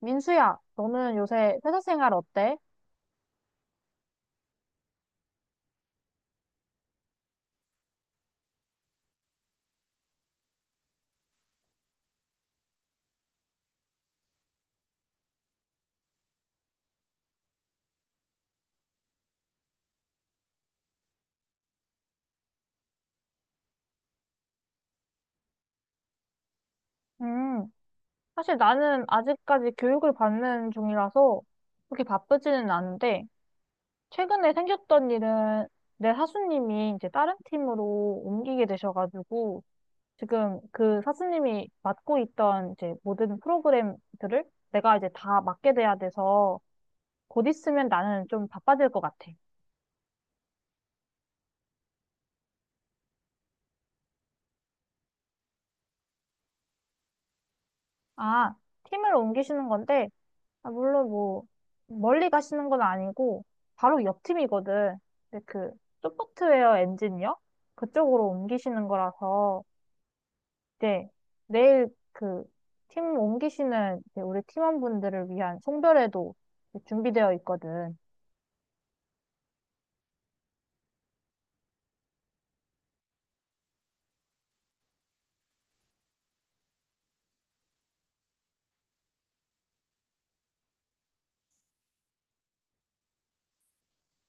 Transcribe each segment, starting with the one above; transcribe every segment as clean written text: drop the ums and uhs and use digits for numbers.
민수야, 너는 요새 회사 생활 어때? 음, 사실 나는 아직까지 교육을 받는 중이라서 그렇게 바쁘지는 않은데, 최근에 생겼던 일은 내 사수님이 이제 다른 팀으로 옮기게 되셔가지고, 지금 그 사수님이 맡고 있던 이제 모든 프로그램들을 내가 이제 다 맡게 돼야 돼서, 곧 있으면 나는 좀 바빠질 것 같아. 아, 팀을 옮기시는 건데, 아, 물론 뭐 멀리 가시는 건 아니고 바로 옆 팀이거든. 근데 그 소프트웨어 엔지니어 그쪽으로 옮기시는 거라서 이제 내일 그 팀 옮기시는 이제 우리 팀원분들을 위한 송별회도 이제 준비되어 있거든.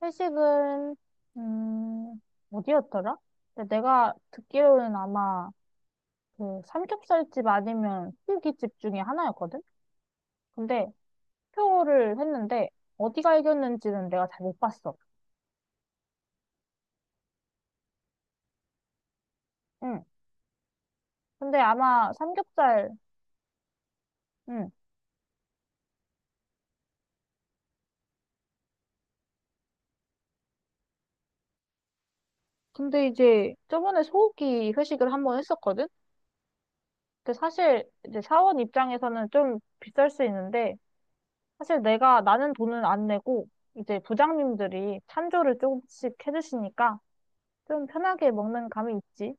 회식은 음 어디였더라? 근데 내가 듣기로는 아마 그 삼겹살집 아니면 후기집 중에 하나였거든. 근데 투표를 했는데 어디가 이겼는지는 내가 잘 못 봤어. 응. 근데 아마 삼겹살. 응. 근데 이제 저번에 소고기 회식을 한번 했었거든. 근데 사실 이제 사원 입장에서는 좀 비쌀 수 있는데 사실 내가 나는 돈은 안 내고 이제 부장님들이 찬조를 조금씩 해주시니까 좀 편하게 먹는 감이 있지.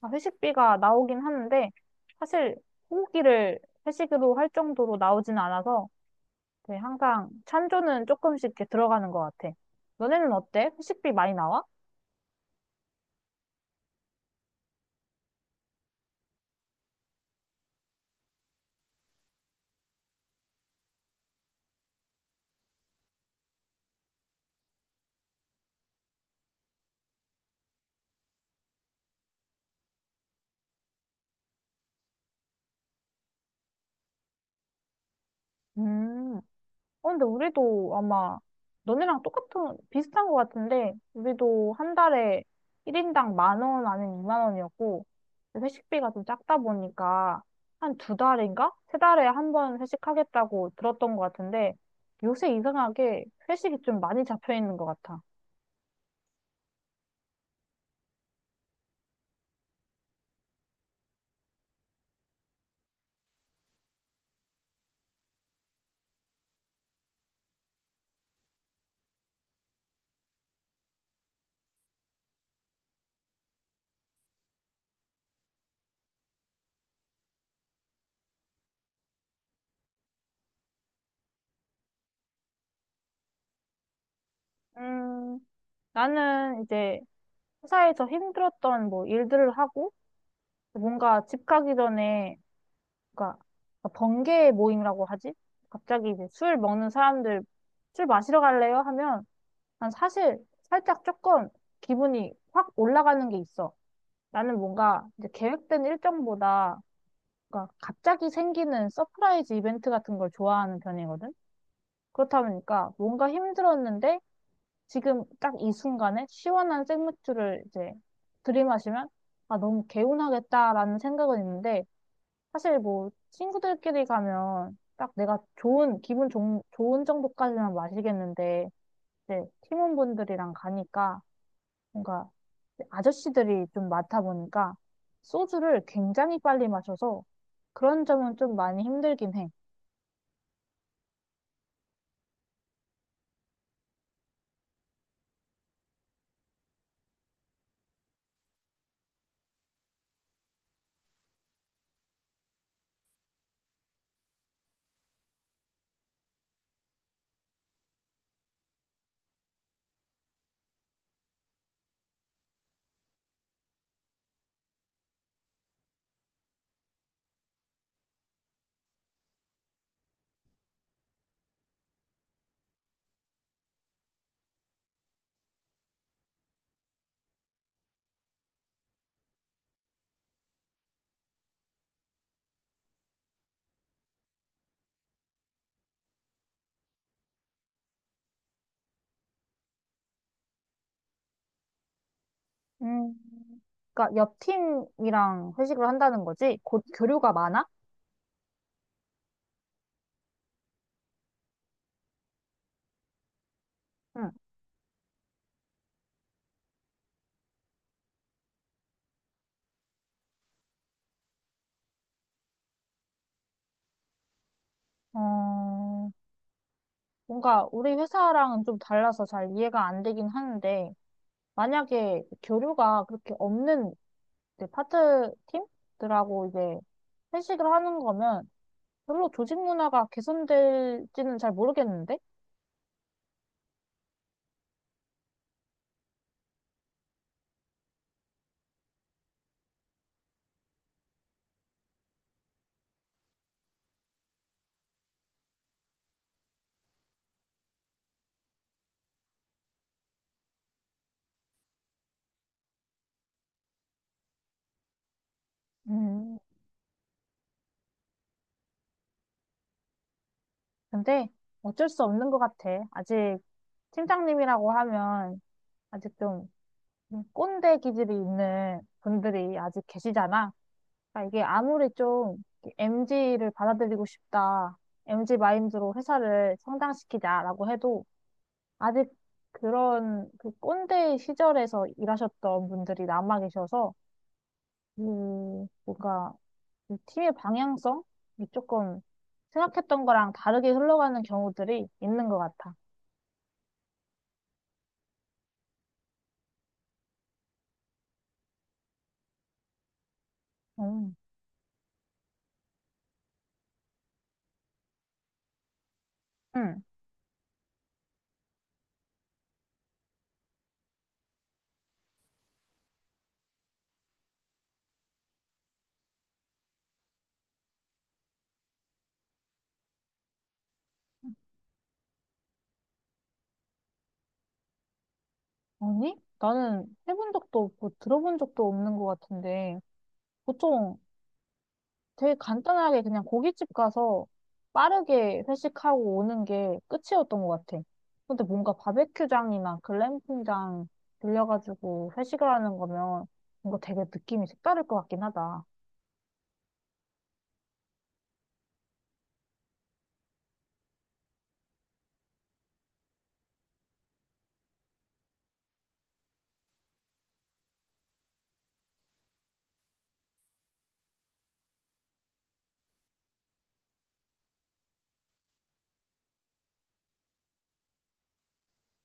아, 회식비가 나오긴 하는데 사실 소고기를 회식으로 할 정도로 나오진 않아서 네, 항상 찬조는 조금씩 이렇게 들어가는 것 같아. 너네는 어때? 회식비 많이 나와? 음, 근데 우리도 아마 너네랑 똑같은, 비슷한 것 같은데, 우리도 한 달에 1인당 10,000원, 아니면 2만 원이었고, 회식비가 좀 작다 보니까, 한 두 달인가? 세 달에 한 번 회식하겠다고 들었던 것 같은데, 요새 이상하게 회식이 좀 많이 잡혀 있는 것 같아. 음, 나는 이제 회사에서 힘들었던 뭐 일들을 하고, 뭔가 집 가기 전에, 그니까, 번개 모임이라고 하지? 갑자기 이제 술 먹는 사람들 술 마시러 갈래요? 하면 난 사실 살짝 조금 기분이 확 올라가는 게 있어. 나는 뭔가 이제 계획된 일정보다 그러니까 갑자기 생기는 서프라이즈 이벤트 같은 걸 좋아하는 편이거든. 그렇다 보니까 뭔가 힘들었는데 지금 딱 이 순간에 시원한 생맥주를 이제 들이마시면 아, 너무 개운하겠다라는 생각은 있는데 사실 뭐 친구들끼리 가면 딱 내가 좋은 기분 좋은 정도까지만 마시겠는데 이제 팀원분들이랑 가니까 뭔가 아저씨들이 좀 많다 보니까 소주를 굉장히 빨리 마셔서 그런 점은 좀 많이 힘들긴 해. 음, 그러니까 옆 팀이랑 회식을 한다는 거지? 곧 교류가 많아? 응. 어, 뭔가 우리 회사랑은 좀 달라서 잘 이해가 안 되긴 하는데 만약에 교류가 그렇게 없는 이제 파트 팀들하고 이제 회식을 하는 거면 별로 조직 문화가 개선될지는 잘 모르겠는데? 음, 근데 어쩔 수 없는 것 같아. 아직 팀장님이라고 하면 아직 좀 꼰대 기질이 있는 분들이 아직 계시잖아. 그러니까 이게 아무리 좀 MG를 받아들이고 싶다. MG 마인드로 회사를 성장시키자라고 해도 아직 그런 그 꼰대 시절에서 일하셨던 분들이 남아 계셔서 음, 뭔가, 이 팀의 방향성이 조금 생각했던 거랑 다르게 흘러가는 경우들이 있는 것 같아. 음. 응. 아니? 나는 해본 적도 없고 들어본 적도 없는 것 같은데, 보통 되게 간단하게 그냥 고깃집 가서 빠르게 회식하고 오는 게 끝이었던 것 같아. 근데 뭔가 바베큐장이나 글램핑장 들려가지고 회식을 하는 거면 뭔가 되게 느낌이 색다를 것 같긴 하다.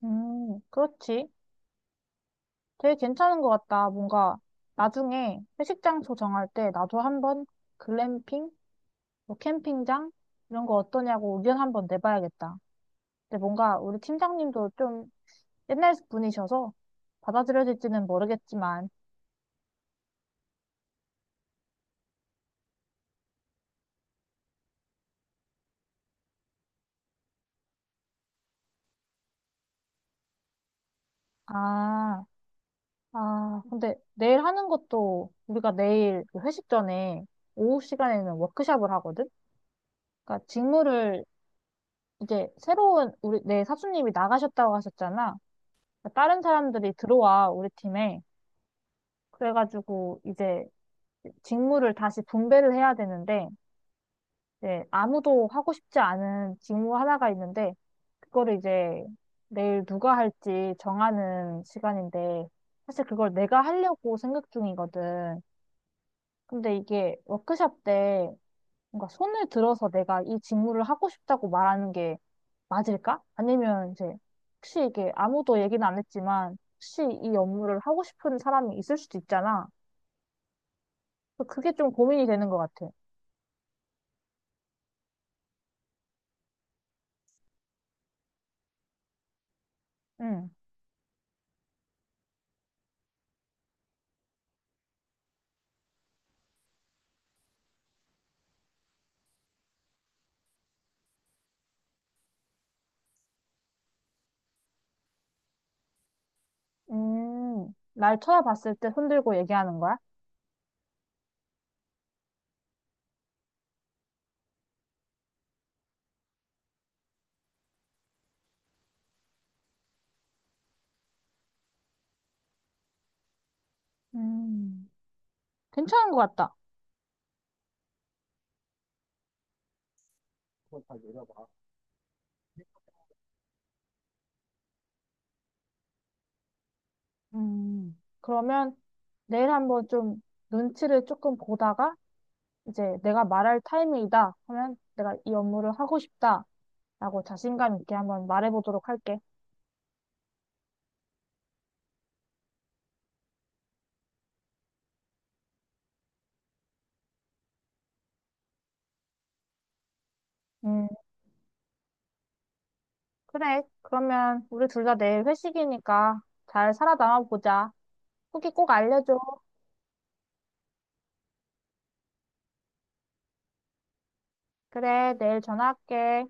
그렇지. 되게 괜찮은 것 같다. 뭔가 나중에 회식 장소 정할 때 나도 한번 글램핑, 뭐 캠핑장 이런 거 어떠냐고 의견 한번 내봐야겠다. 근데 뭔가 우리 팀장님도 좀 옛날 분이셔서 받아들여질지는 모르겠지만, 아, 근데 내일 하는 것도 우리가 내일 그 회식 전에 오후 시간에는 워크숍을 하거든? 그러니까 직무를 이제 새로운 우리 내 사수님이 나가셨다고 하셨잖아. 그러니까 다른 사람들이 들어와 우리 팀에. 그래가지고 이제 직무를 다시 분배를 해야 되는데 이제 아무도 하고 싶지 않은 직무 하나가 있는데 그거를 이제 내일 누가 할지 정하는 시간인데 사실 그걸 내가 하려고 생각 중이거든. 근데 이게 워크샵 때 뭔가 손을 들어서 내가 이 직무를 하고 싶다고 말하는 게 맞을까? 아니면 이제 혹시 이게 아무도 얘기는 안 했지만 혹시 이 업무를 하고 싶은 사람이 있을 수도 있잖아. 그래서 그게 좀 고민이 되는 것 같아. 응. 날 쳐다봤을 때 손들고 얘기하는 거야? 음, 괜찮은 것 같다. 그러면 내일 한번 좀 눈치를 조금 보다가 이제 내가 말할 타이밍이다 하면 내가 이 업무를 하고 싶다라고 자신감 있게 한번 말해보도록 할게. 음, 그래. 그러면 우리 둘 다 내일 회식이니까 잘 살아남아 보자. 후기 꼭 알려줘. 그래, 내일 전화할게.